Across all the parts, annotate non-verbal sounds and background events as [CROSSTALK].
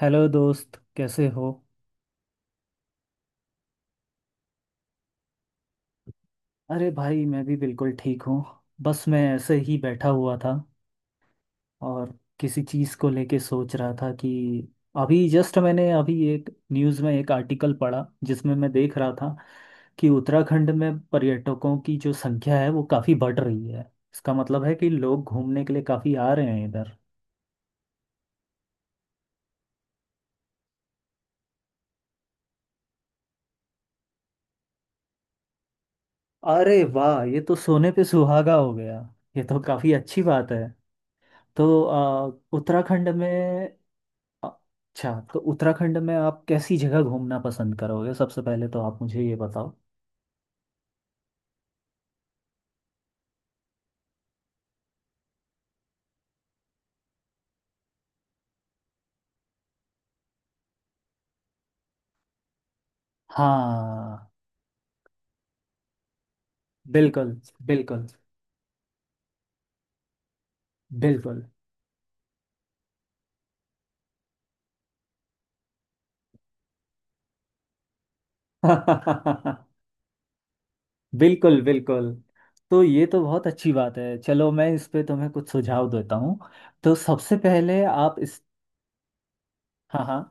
Hello दोस्त, कैसे हो। अरे भाई, मैं भी बिल्कुल ठीक हूँ। बस मैं ऐसे ही बैठा हुआ था और किसी चीज़ को लेके सोच रहा था कि अभी जस्ट मैंने अभी एक न्यूज़ में एक आर्टिकल पढ़ा जिसमें मैं देख रहा था कि उत्तराखंड में पर्यटकों की जो संख्या है वो काफ़ी बढ़ रही है। इसका मतलब है कि लोग घूमने के लिए काफ़ी आ रहे हैं इधर। अरे वाह, ये तो सोने पे सुहागा हो गया। ये तो काफ़ी अच्छी बात है। तो उत्तराखंड में। अच्छा, तो उत्तराखंड में आप कैसी जगह घूमना पसंद करोगे, सबसे पहले तो आप मुझे ये बताओ। हाँ, बिल्कुल बिल्कुल बिल्कुल। [LAUGHS] बिल्कुल बिल्कुल। तो ये तो बहुत अच्छी बात है। चलो मैं इस पे तुम्हें कुछ सुझाव देता हूँ। तो सबसे पहले आप इस, हाँ हाँ।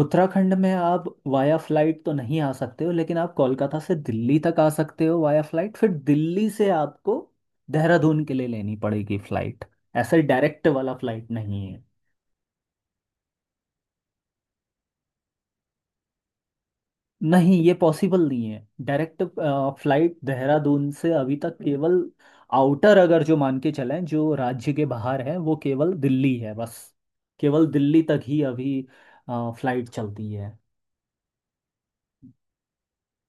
उत्तराखंड में आप वाया फ्लाइट तो नहीं आ सकते हो, लेकिन आप कोलकाता से दिल्ली तक आ सकते हो वाया फ्लाइट, फिर दिल्ली से आपको देहरादून के लिए लेनी पड़ेगी फ्लाइट। ऐसे डायरेक्ट वाला फ्लाइट नहीं है। नहीं, ये पॉसिबल नहीं है। डायरेक्ट फ्लाइट देहरादून से अभी तक केवल आउटर, अगर जो मान के चलें, जो राज्य के बाहर है वो केवल दिल्ली है बस। केवल दिल्ली तक ही अभी फ्लाइट चलती है।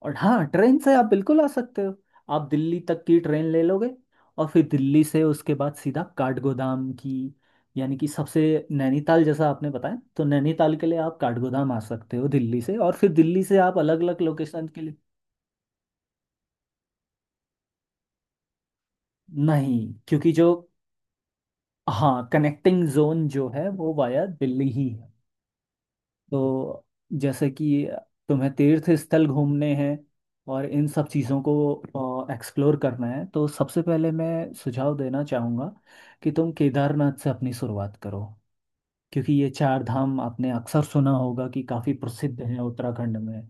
और हाँ, ट्रेन से आप बिल्कुल आ सकते हो। आप दिल्ली तक की ट्रेन ले लोगे, और फिर दिल्ली से उसके बाद सीधा काठगोदाम की, यानी कि सबसे, नैनीताल जैसा आपने बताया, तो नैनीताल के लिए आप काठगोदाम आ सकते हो दिल्ली से, और फिर दिल्ली से आप अलग अलग लोकेशन के लिए। नहीं, क्योंकि जो, हाँ, कनेक्टिंग जोन जो है वो वाया दिल्ली ही। तो जैसे कि तुम्हें तीर्थ स्थल घूमने हैं और इन सब चीज़ों को एक्सप्लोर करना है, तो सबसे पहले मैं सुझाव देना चाहूँगा कि तुम केदारनाथ से अपनी शुरुआत करो। क्योंकि ये चार धाम आपने अक्सर सुना होगा कि काफ़ी प्रसिद्ध हैं उत्तराखंड में।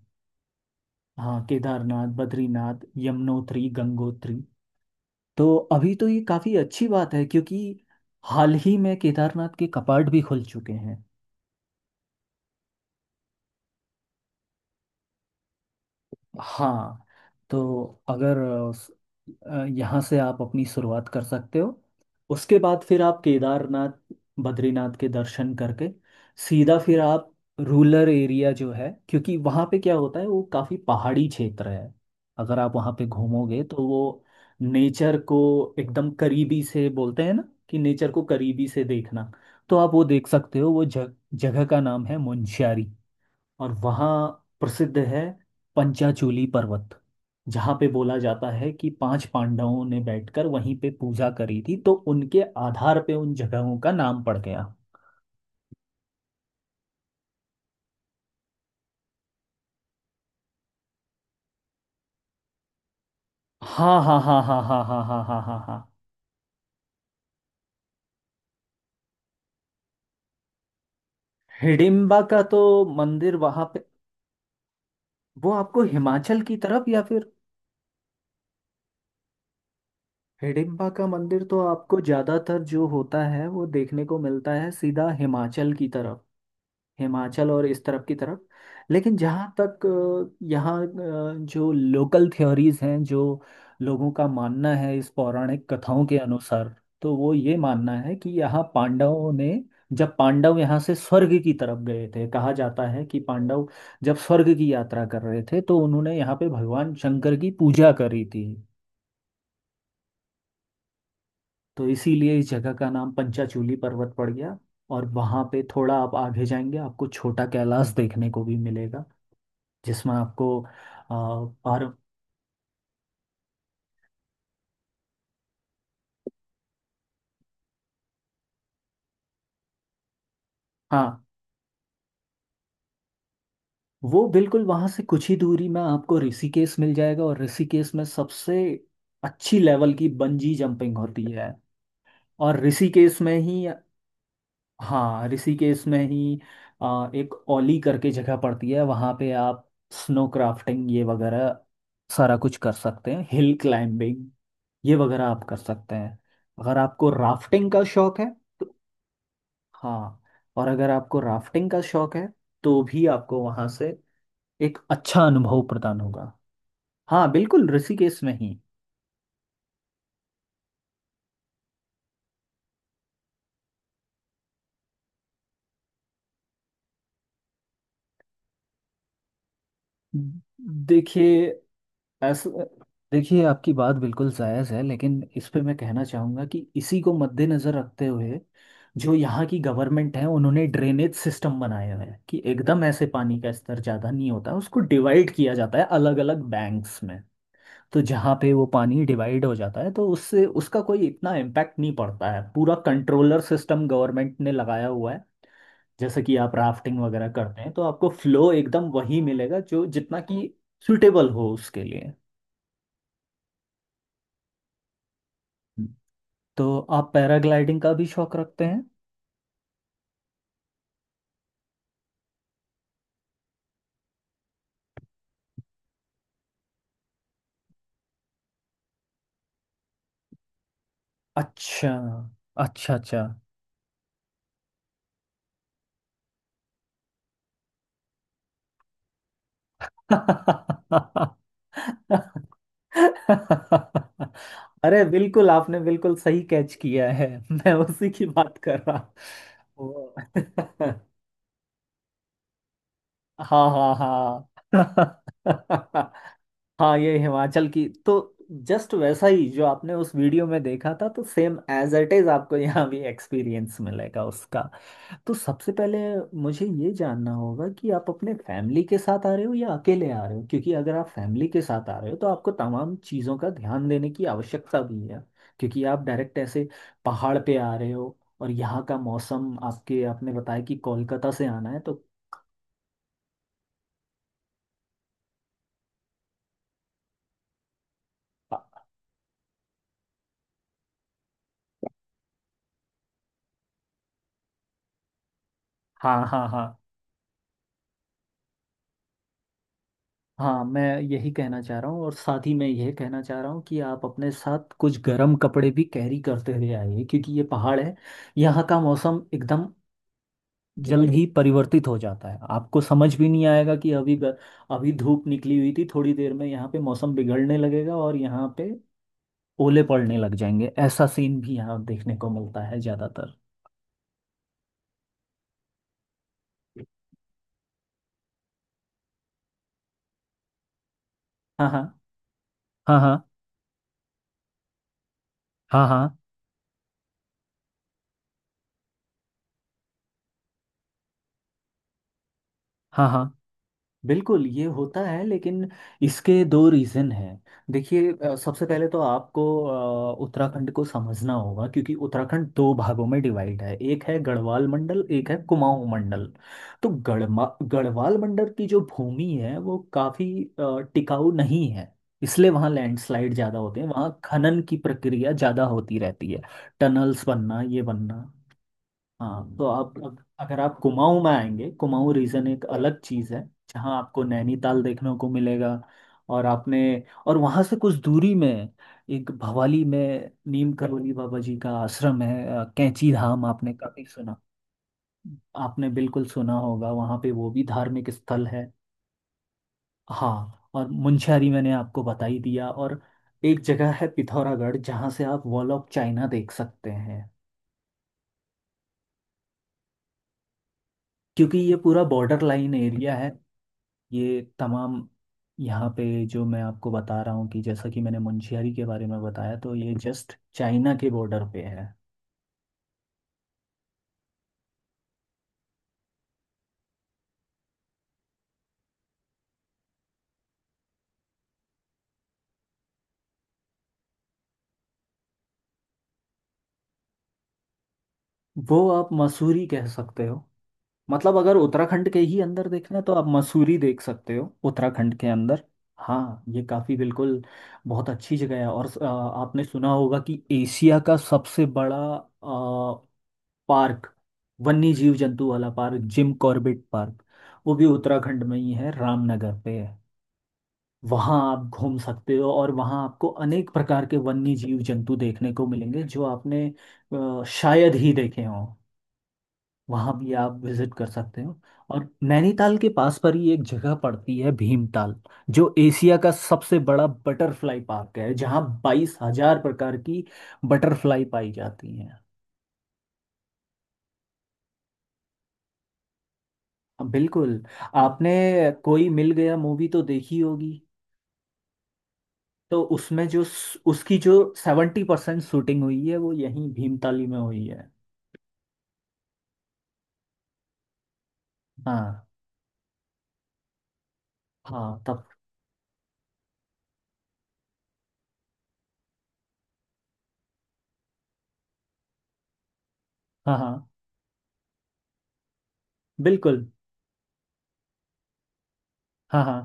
हाँ, केदारनाथ, बद्रीनाथ, यमुनोत्री, गंगोत्री। तो अभी तो ये काफ़ी अच्छी बात है क्योंकि हाल ही में केदारनाथ के कपाट भी खुल चुके हैं। हाँ, तो अगर यहाँ से आप अपनी शुरुआत कर सकते हो। उसके बाद फिर आप केदारनाथ बद्रीनाथ के दर्शन करके सीधा फिर आप रूरल एरिया जो है क्योंकि वहाँ पे क्या होता है, वो काफ़ी पहाड़ी क्षेत्र है। अगर आप वहाँ पे घूमोगे तो वो नेचर को एकदम करीबी से, बोलते हैं ना कि नेचर को करीबी से देखना, तो आप वो देख सकते हो। वो जगह का नाम है मुंशियारी। और वहाँ प्रसिद्ध है पंचाचूली पर्वत, जहाँ पे बोला जाता है कि पांच पांडवों ने बैठकर वहीं पे पूजा करी थी, तो उनके आधार पे उन जगहों का नाम पड़ गया। हाँ हाँ हाँ हाँ हाँ हाँ हाँ हाँ हाँ हाँ। हिडिम्बा का तो मंदिर वहाँ पे, वो आपको हिमाचल की तरफ या फिर, हिडिम्बा का मंदिर तो आपको ज्यादातर जो होता है वो देखने को मिलता है सीधा हिमाचल की तरफ। हिमाचल और इस तरफ की तरफ। लेकिन जहाँ तक यहाँ, जो लोकल थ्योरीज हैं, जो लोगों का मानना है इस पौराणिक कथाओं के अनुसार, तो वो ये मानना है कि यहाँ पांडवों ने, जब पांडव यहाँ से स्वर्ग की तरफ गए थे, कहा जाता है कि पांडव जब स्वर्ग की यात्रा कर रहे थे तो उन्होंने यहाँ पे भगवान शंकर की पूजा करी थी। तो इसीलिए इस जगह का नाम पंचाचूली पर्वत पड़ गया। और वहाँ पे थोड़ा आप आगे जाएंगे, आपको छोटा कैलाश देखने को भी मिलेगा, जिसमें आपको और हाँ, वो बिल्कुल वहाँ से कुछ ही दूरी में आपको ऋषिकेश मिल जाएगा। और ऋषिकेश में सबसे अच्छी लेवल की बंजी जंपिंग होती है। और ऋषिकेश में ही, हाँ, ऋषिकेश में ही एक ओली करके जगह पड़ती है, वहाँ पे आप स्नो क्राफ्टिंग ये वगैरह सारा कुछ कर सकते हैं। हिल क्लाइंबिंग ये वगैरह आप कर सकते हैं। अगर आपको राफ्टिंग का शौक है, तो हाँ, और अगर आपको राफ्टिंग का शौक है तो भी आपको वहाँ से एक अच्छा अनुभव प्रदान होगा। हाँ, बिल्कुल ऋषिकेश में ही। देखिए, ऐसा, देखिए आपकी बात बिल्कुल जायज़ है, लेकिन इस पे मैं कहना चाहूँगा कि इसी को मद्देनज़र रखते हुए जो यहाँ की गवर्नमेंट है, उन्होंने ड्रेनेज सिस्टम बनाए हुए हैं कि एकदम ऐसे पानी का स्तर ज़्यादा नहीं होता, उसको डिवाइड किया जाता है अलग अलग बैंक्स में। तो जहाँ पे वो पानी डिवाइड हो जाता है तो उससे उसका कोई इतना इम्पैक्ट नहीं पड़ता है। पूरा कंट्रोलर सिस्टम गवर्नमेंट ने लगाया हुआ है। जैसे कि आप राफ्टिंग वगैरह करते हैं तो आपको फ्लो एकदम वही मिलेगा जो जितना कि सुटेबल हो उसके लिए। तो आप पैराग्लाइडिंग का भी शौक रखते हैं। अच्छा अच्छा अच्छा। अरे बिल्कुल, आपने बिल्कुल सही कैच किया है, मैं उसी की बात कर रहा हूँ हाँ हाँ हाँ। हाँ, ये हिमाचल की तो जस्ट वैसा ही जो आपने उस वीडियो में देखा था, तो सेम एज इट इज आपको यहाँ भी एक्सपीरियंस मिलेगा उसका। तो सबसे पहले मुझे ये जानना होगा कि आप अपने फैमिली के साथ आ रहे हो या अकेले आ रहे हो, क्योंकि अगर आप फैमिली के साथ आ रहे हो तो आपको तमाम चीज़ों का ध्यान देने की आवश्यकता भी है। क्योंकि आप डायरेक्ट ऐसे पहाड़ पे आ रहे हो और यहाँ का मौसम, आपके आपने बताया कि कोलकाता से आना है, तो हाँ हाँ हाँ। हाँ मैं यही कहना चाह रहा हूँ, और साथ ही मैं यह कहना चाह रहा हूँ कि आप अपने साथ कुछ गर्म कपड़े भी कैरी करते हुए आइए, क्योंकि ये पहाड़ है, यहाँ का मौसम एकदम जल ही परिवर्तित हो जाता है। आपको समझ भी नहीं आएगा कि अभी धूप निकली हुई थी, थोड़ी देर में यहाँ पे मौसम बिगड़ने लगेगा और यहाँ पे ओले पड़ने लग जाएंगे। ऐसा सीन भी यहाँ देखने को मिलता है ज्यादातर। हाँ हाँ हाँ हाँ हाँ हाँ हाँ हाँ हाँ, बिल्कुल ये होता है। लेकिन इसके दो रीज़न हैं। देखिए, सबसे पहले तो आपको उत्तराखंड को समझना होगा। क्योंकि उत्तराखंड दो भागों में डिवाइड है, एक है गढ़वाल मंडल, एक है कुमाऊं मंडल। तो गढ़मा गढ़वाल मंडल की जो भूमि है वो काफ़ी टिकाऊ नहीं है, इसलिए वहाँ लैंडस्लाइड ज़्यादा होते हैं। वहाँ खनन की प्रक्रिया ज़्यादा होती रहती है, टनल्स बनना, ये बनना। हाँ, तो आप अगर आप कुमाऊं में आएंगे, कुमाऊं रीजन एक अलग चीज़ है, जहाँ आपको नैनीताल देखने को मिलेगा। और आपने, और वहाँ से कुछ दूरी में एक भवाली में नीम करौली बाबा जी का आश्रम है, कैंची धाम आपने काफी सुना, आपने बिल्कुल सुना होगा, वहाँ पे वो भी धार्मिक स्थल है। हाँ, और मुंशियारी मैंने आपको बता ही दिया। और एक जगह है पिथौरागढ़, जहाँ से आप वॉल ऑफ चाइना देख सकते हैं, क्योंकि ये पूरा बॉर्डर लाइन एरिया है। ये तमाम, यहाँ पे जो मैं आपको बता रहा हूँ कि जैसा कि मैंने मुंशियारी के बारे में बताया, तो ये जस्ट चाइना के बॉर्डर पे है। वो आप मसूरी कह सकते हो। मतलब अगर उत्तराखंड के ही अंदर देखना है तो आप मसूरी देख सकते हो उत्तराखंड के अंदर। हाँ, ये काफ़ी बिल्कुल बहुत अच्छी जगह है। और आपने सुना होगा कि एशिया का सबसे बड़ा अ, पार्क, वन्य जीव जंतु वाला पार्क, जिम कॉर्बेट पार्क, वो भी उत्तराखंड में ही है, रामनगर पे है। वहाँ आप घूम सकते हो और वहाँ आपको अनेक प्रकार के वन्य जीव जंतु देखने को मिलेंगे जो आपने शायद ही देखे हों। वहाँ भी आप विजिट कर सकते हो। और नैनीताल के पास पर ही एक जगह पड़ती है भीमताल, जो एशिया का सबसे बड़ा बटरफ्लाई पार्क है, जहाँ 22,000 प्रकार की बटरफ्लाई पाई जाती हैं। हाँ, बिल्कुल। आपने कोई मिल गया मूवी तो देखी होगी, तो उसमें जो, उसकी जो 70% शूटिंग हुई है वो यहीं भीमताली में हुई है। हाँ हाँ तब। हाँ हाँ बिल्कुल। हाँ हाँ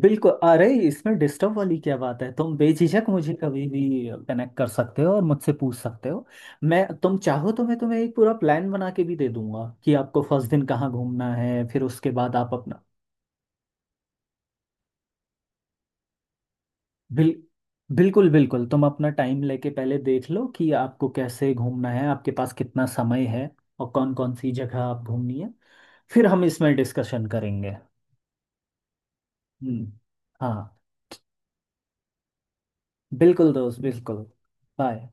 बिल्कुल। अरे, इसमें डिस्टर्ब वाली क्या बात है। तुम बेझिझक मुझे कभी भी कनेक्ट कर सकते हो और मुझसे पूछ सकते हो। मैं तुम चाहो तो मैं तुम्हें एक पूरा प्लान बना के भी दे दूंगा कि आपको फर्स्ट दिन कहाँ घूमना है, फिर उसके बाद आप अपना, बिल बिल्कुल बिल्कुल। तुम अपना टाइम लेके पहले देख लो कि आपको कैसे घूमना है, आपके पास कितना समय है और कौन कौन सी जगह आप घूमनी है। फिर हम इसमें डिस्कशन करेंगे। हम्म। हाँ, बिल्कुल दोस्त, बिल्कुल। बाय।